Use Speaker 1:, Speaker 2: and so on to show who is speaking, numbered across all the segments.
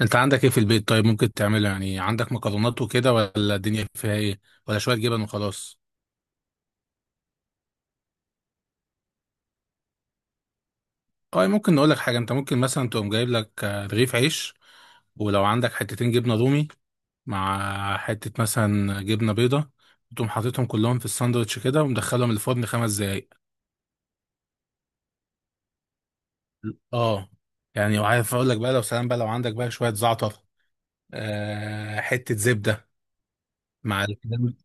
Speaker 1: انت عندك ايه في البيت؟ طيب ممكن تعمله؟ يعني عندك مكرونات وكده، ولا الدنيا فيها ايه؟ ولا شويه جبن وخلاص. اه ممكن نقول لك حاجه، انت ممكن مثلا تقوم جايب لك رغيف عيش، ولو عندك حتتين جبنه رومي مع حته مثلا جبنه بيضه، تقوم حاططهم كلهم في الساندوتش كده، ومدخلهم الفرن خمس دقايق. اه يعني وعارف اقول لك بقى، لو سلام بقى، لو عندك بقى شويه زعتر، آه حته زبده، مع الكلام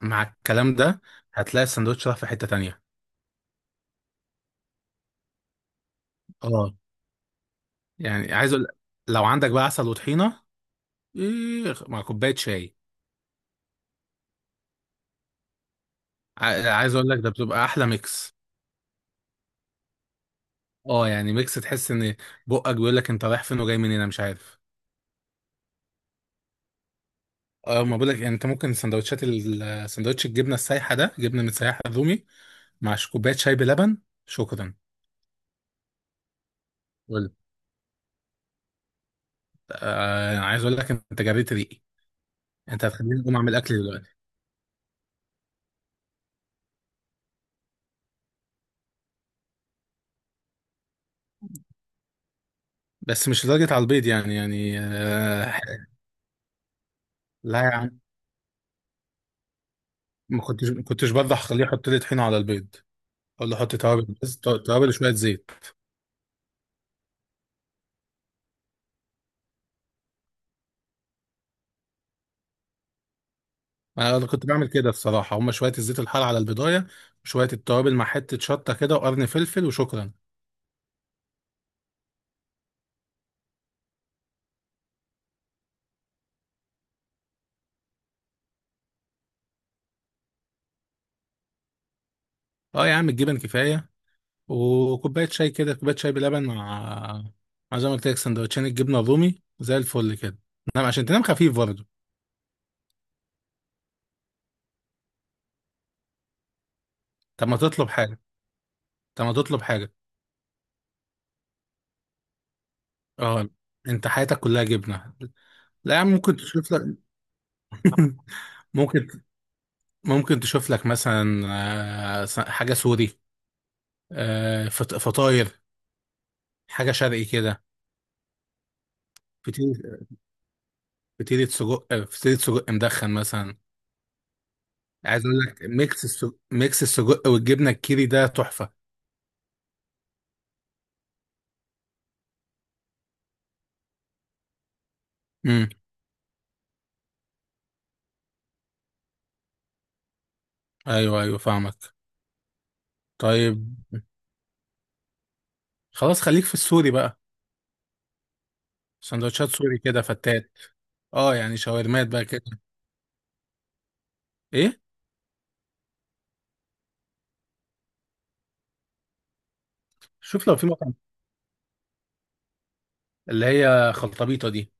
Speaker 1: مع الكلام ده هتلاقي الساندوتش راح في حته تانية. اه يعني عايز اقول، لو عندك بقى عسل وطحينه، إيه مع كوبايه شاي. عايز اقول لك ده بتبقى احلى ميكس. اه يعني ميكس تحس ان بقك بيقول لك انت رايح فين وجاي منين، انا مش عارف. اه ما بقول لك، يعني انت ممكن سندوتشات سندوتش الجبنه السايحه ده، جبنه متسيحه رومي، مع كوبايه شاي بلبن. شكرا. قلت، آه عايز اقول لك انت جريت ريقي، انت هتخليني اقوم اعمل اكل دلوقتي. بس مش لدرجه على البيض، يعني يعني آه. لا يا عم، ما كنتش برضه هخليه يحط لي طحينه على البيض، ولا احط توابل بس، توابل وشويه زيت. انا كنت بعمل كده الصراحه، هما شويه الزيت الحار على البدايه، وشويه التوابل مع حته شطه كده وقرن فلفل، وشكرا. اه يا عم الجبن كفايه، وكوبايه شاي كده، كوبايه شاي بلبن، مع زي ما قلت لك، سندوتشين الجبنه الرومي زي الفل كده. نعم عشان تنام خفيف برضه. طب ما تطلب حاجه طب ما تطلب حاجه. اه انت حياتك كلها جبنه. لا يا عم ممكن تشوف لك. ممكن ممكن تشوف لك مثلا حاجه سوري، فطاير، حاجه شرقي كده. فطير، فطيره سجق مدخن مثلا. عايز اقول لك، ميكس السجق والجبنه الكيري ده تحفه. امم. ايوه ايوه فاهمك. طيب خلاص، خليك في السوري بقى، سندوتشات سوري كده، فتات. اه يعني شاورمات بقى كده. ايه؟ شوف لو في مطعم، اللي هي خلطبيطه دي.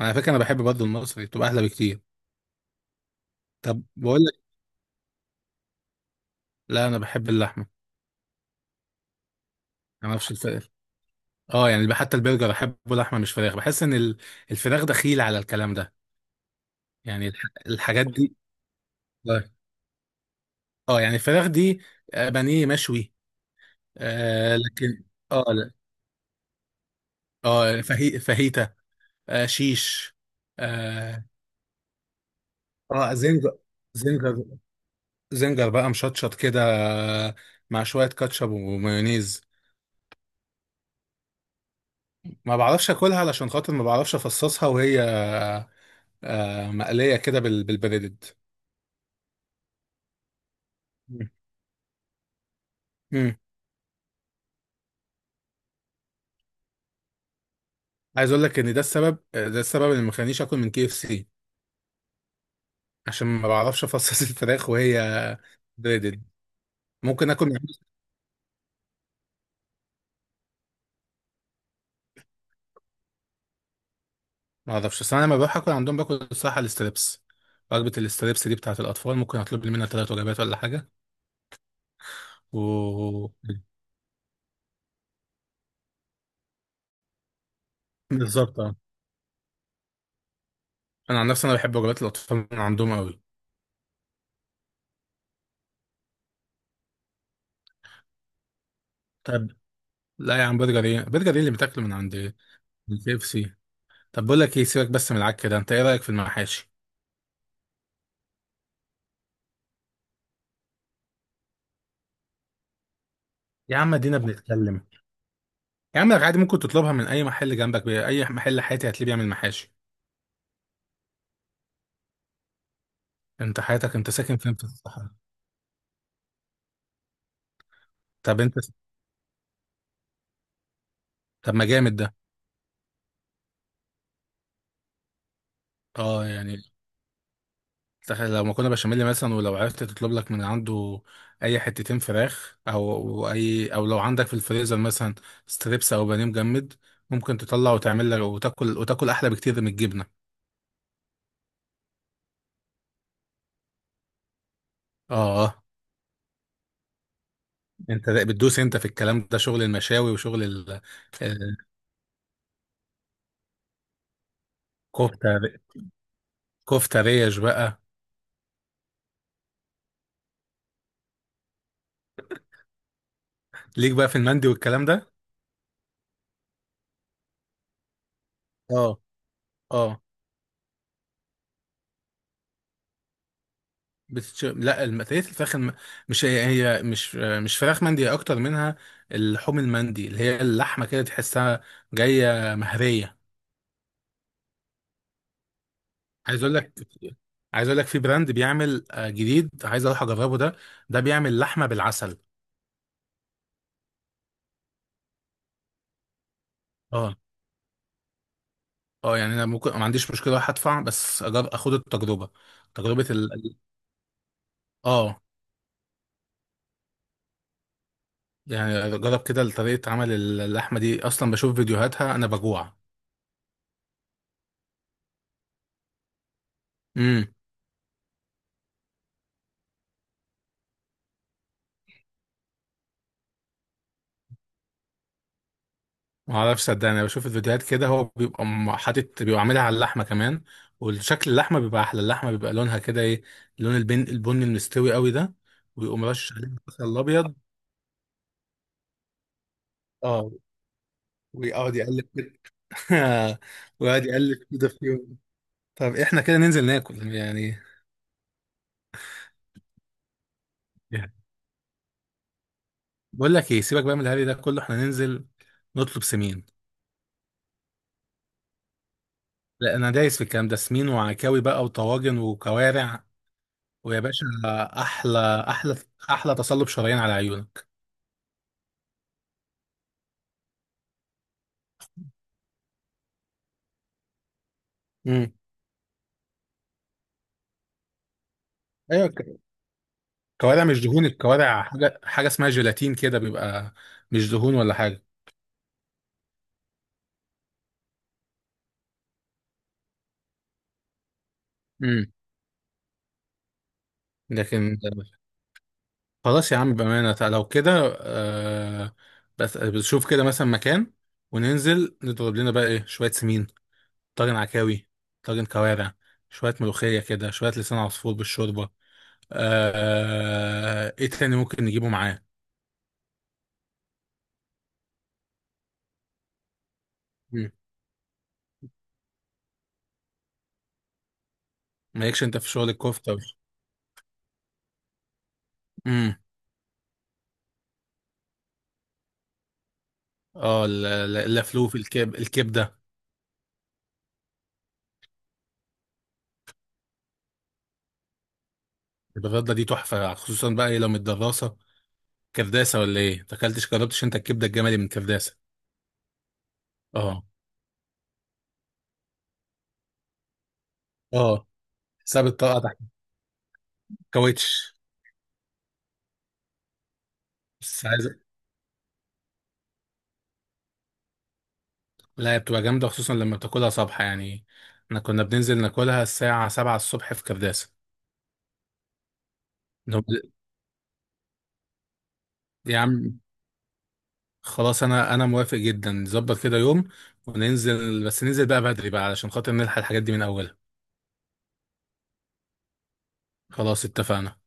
Speaker 1: على فكره انا بحب برضه المصري، تبقى احلى بكتير. طب بقول لك، لا انا بحب اللحمه. انا ما اعرفش الفرق. اه يعني حتى البرجر احبه لحمه مش فراخ. بحس ان الفراخ دخيل على الكلام ده. يعني الحاجات دي. اه. يعني الفراخ دي، بانيه مشوي. آه لكن، اه لا. اه فهي فاهيتا، آه شيش. اه. زنجر. زنجر. زنجر بقى مشطشط كده، آه، مع شوية كاتشب ومايونيز. ما بعرفش اكلها، علشان خاطر ما بعرفش افصصها وهي آه مقلية كده بالبريدد. مم. مم. عايز اقول لك ان، ده السبب اللي مخلينيش اكل من كي اف سي. عشان ما بعرفش افصص الفراخ وهي بريدد. ممكن اكل، ما اعرفش، بس انا لما بروح اكل عندهم باكل الصراحه الاستريبس. وجبه الاستريبس دي بتاعه الاطفال، ممكن اطلب لي منها ثلاث وجبات ولا حاجه، و بالظبط اه. انا عن نفسي انا بحب وجبات الاطفال من عندهم قوي. طب لا يا عم، برجر ايه؟ برجر ايه اللي بتاكله من عند الكي اف سي؟ طب بقول لك ايه، سيبك بس من العك ده، انت ايه رايك في المحاشي؟ يا عم ادينا بنتكلم. يا عم عادي، ممكن تطلبها من اي محل جنبك، اي محل حياتي هتلاقيه بيعمل محاشي. انت حياتك انت ساكن فين؟ في الصحراء؟ طب انت. طب ما جامد ده. اه يعني، تخيل لو مكرونه بشاميل مثلا، ولو عرفت تطلب لك من عنده اي حتتين فراخ، او اي، او لو عندك في الفريزر مثلا ستريبس او بانيه مجمد، ممكن تطلع وتعمل لك، وتاكل، وتاكل احلى بكتير من الجبنه. اه انت بتدوس انت في الكلام ده شغل المشاوي، وشغل الكفته، كفته ريش بقى. ليك بقى في المندي والكلام ده. اه. اه. لا المقلية، الفراخ مش هي، مش فراخ مندي هي، اكتر منها اللحوم. المندي اللي هي اللحمه كده تحسها جايه مهريه. عايز اقول لك عايز اقول لك في براند بيعمل جديد عايز اروح اجربه ده، ده بيعمل لحمه بالعسل. اه. اه يعني انا ممكن ما عنديش مشكله اروح ادفع، بس اخد التجربه، تجربه اه يعني جرب كده طريقه عمل. اللحمه دي اصلا بشوف فيديوهاتها انا بجوع. إمم. ما اعرفش، صدقني انا بشوف الفيديوهات كده، هو بيبقى حاطط، بيبقى عاملها على اللحمه كمان، وشكل اللحمه بيبقى احلى، اللحمه بيبقى لونها كده ايه، لون البن، البني المستوي قوي ده. ويقوم مرشش عليه البصل الابيض. اه. ويقعد يقلب كده. ويقعد يقلب كده فيهم. طب احنا كده ننزل ناكل يعني؟ بقول لك ايه، سيبك بقى من الهري ده كله، احنا ننزل نطلب سمين. لا انا دايس في الكلام ده، سمين وعكاوي بقى، وطواجن وكوارع، ويا باشا. احلى، احلى، احلى. تصلب شرايين على عيونك. ايوه الكوارع مش دهون. الكوارع حاجه اسمها جيلاتين كده بيبقى، مش دهون ولا حاجه. امم. لكن خلاص يا عم، بامانه، لو كده، آه، بس بنشوف كده مثلا مكان، وننزل نضرب لنا بقى ايه، شويه سمين، طاجن عكاوي، طاجن كوارع، شويه ملوخيه كده، شويه لسان عصفور بالشوربه، آه ايه تاني ممكن نجيبه معاه؟ مم. مالكش انت في شغل الكفته. امم. اه اللفلوف، الكبده. الغدة دي تحفة، خصوصا بقى ايه لو من الدراسة، كرداسة، ولا ايه؟ تاكلتش، جربتش انت الكبدة الجملي من كرداسة؟ اه. اه. حساب الطاقة تحت. كاوتش. بس عايز. لا هي بتبقى جامدة، خصوصا لما بتاكلها صبح يعني، احنا كنا بننزل ناكلها الساعة 7 الصبح في كرداسة. نب- يا عم خلاص، انا موافق جدا، نظبط كده يوم وننزل، بس ننزل بقى بدري بقى، علشان خاطر نلحق الحاجات دي من اولها. خلاص اتفقنا.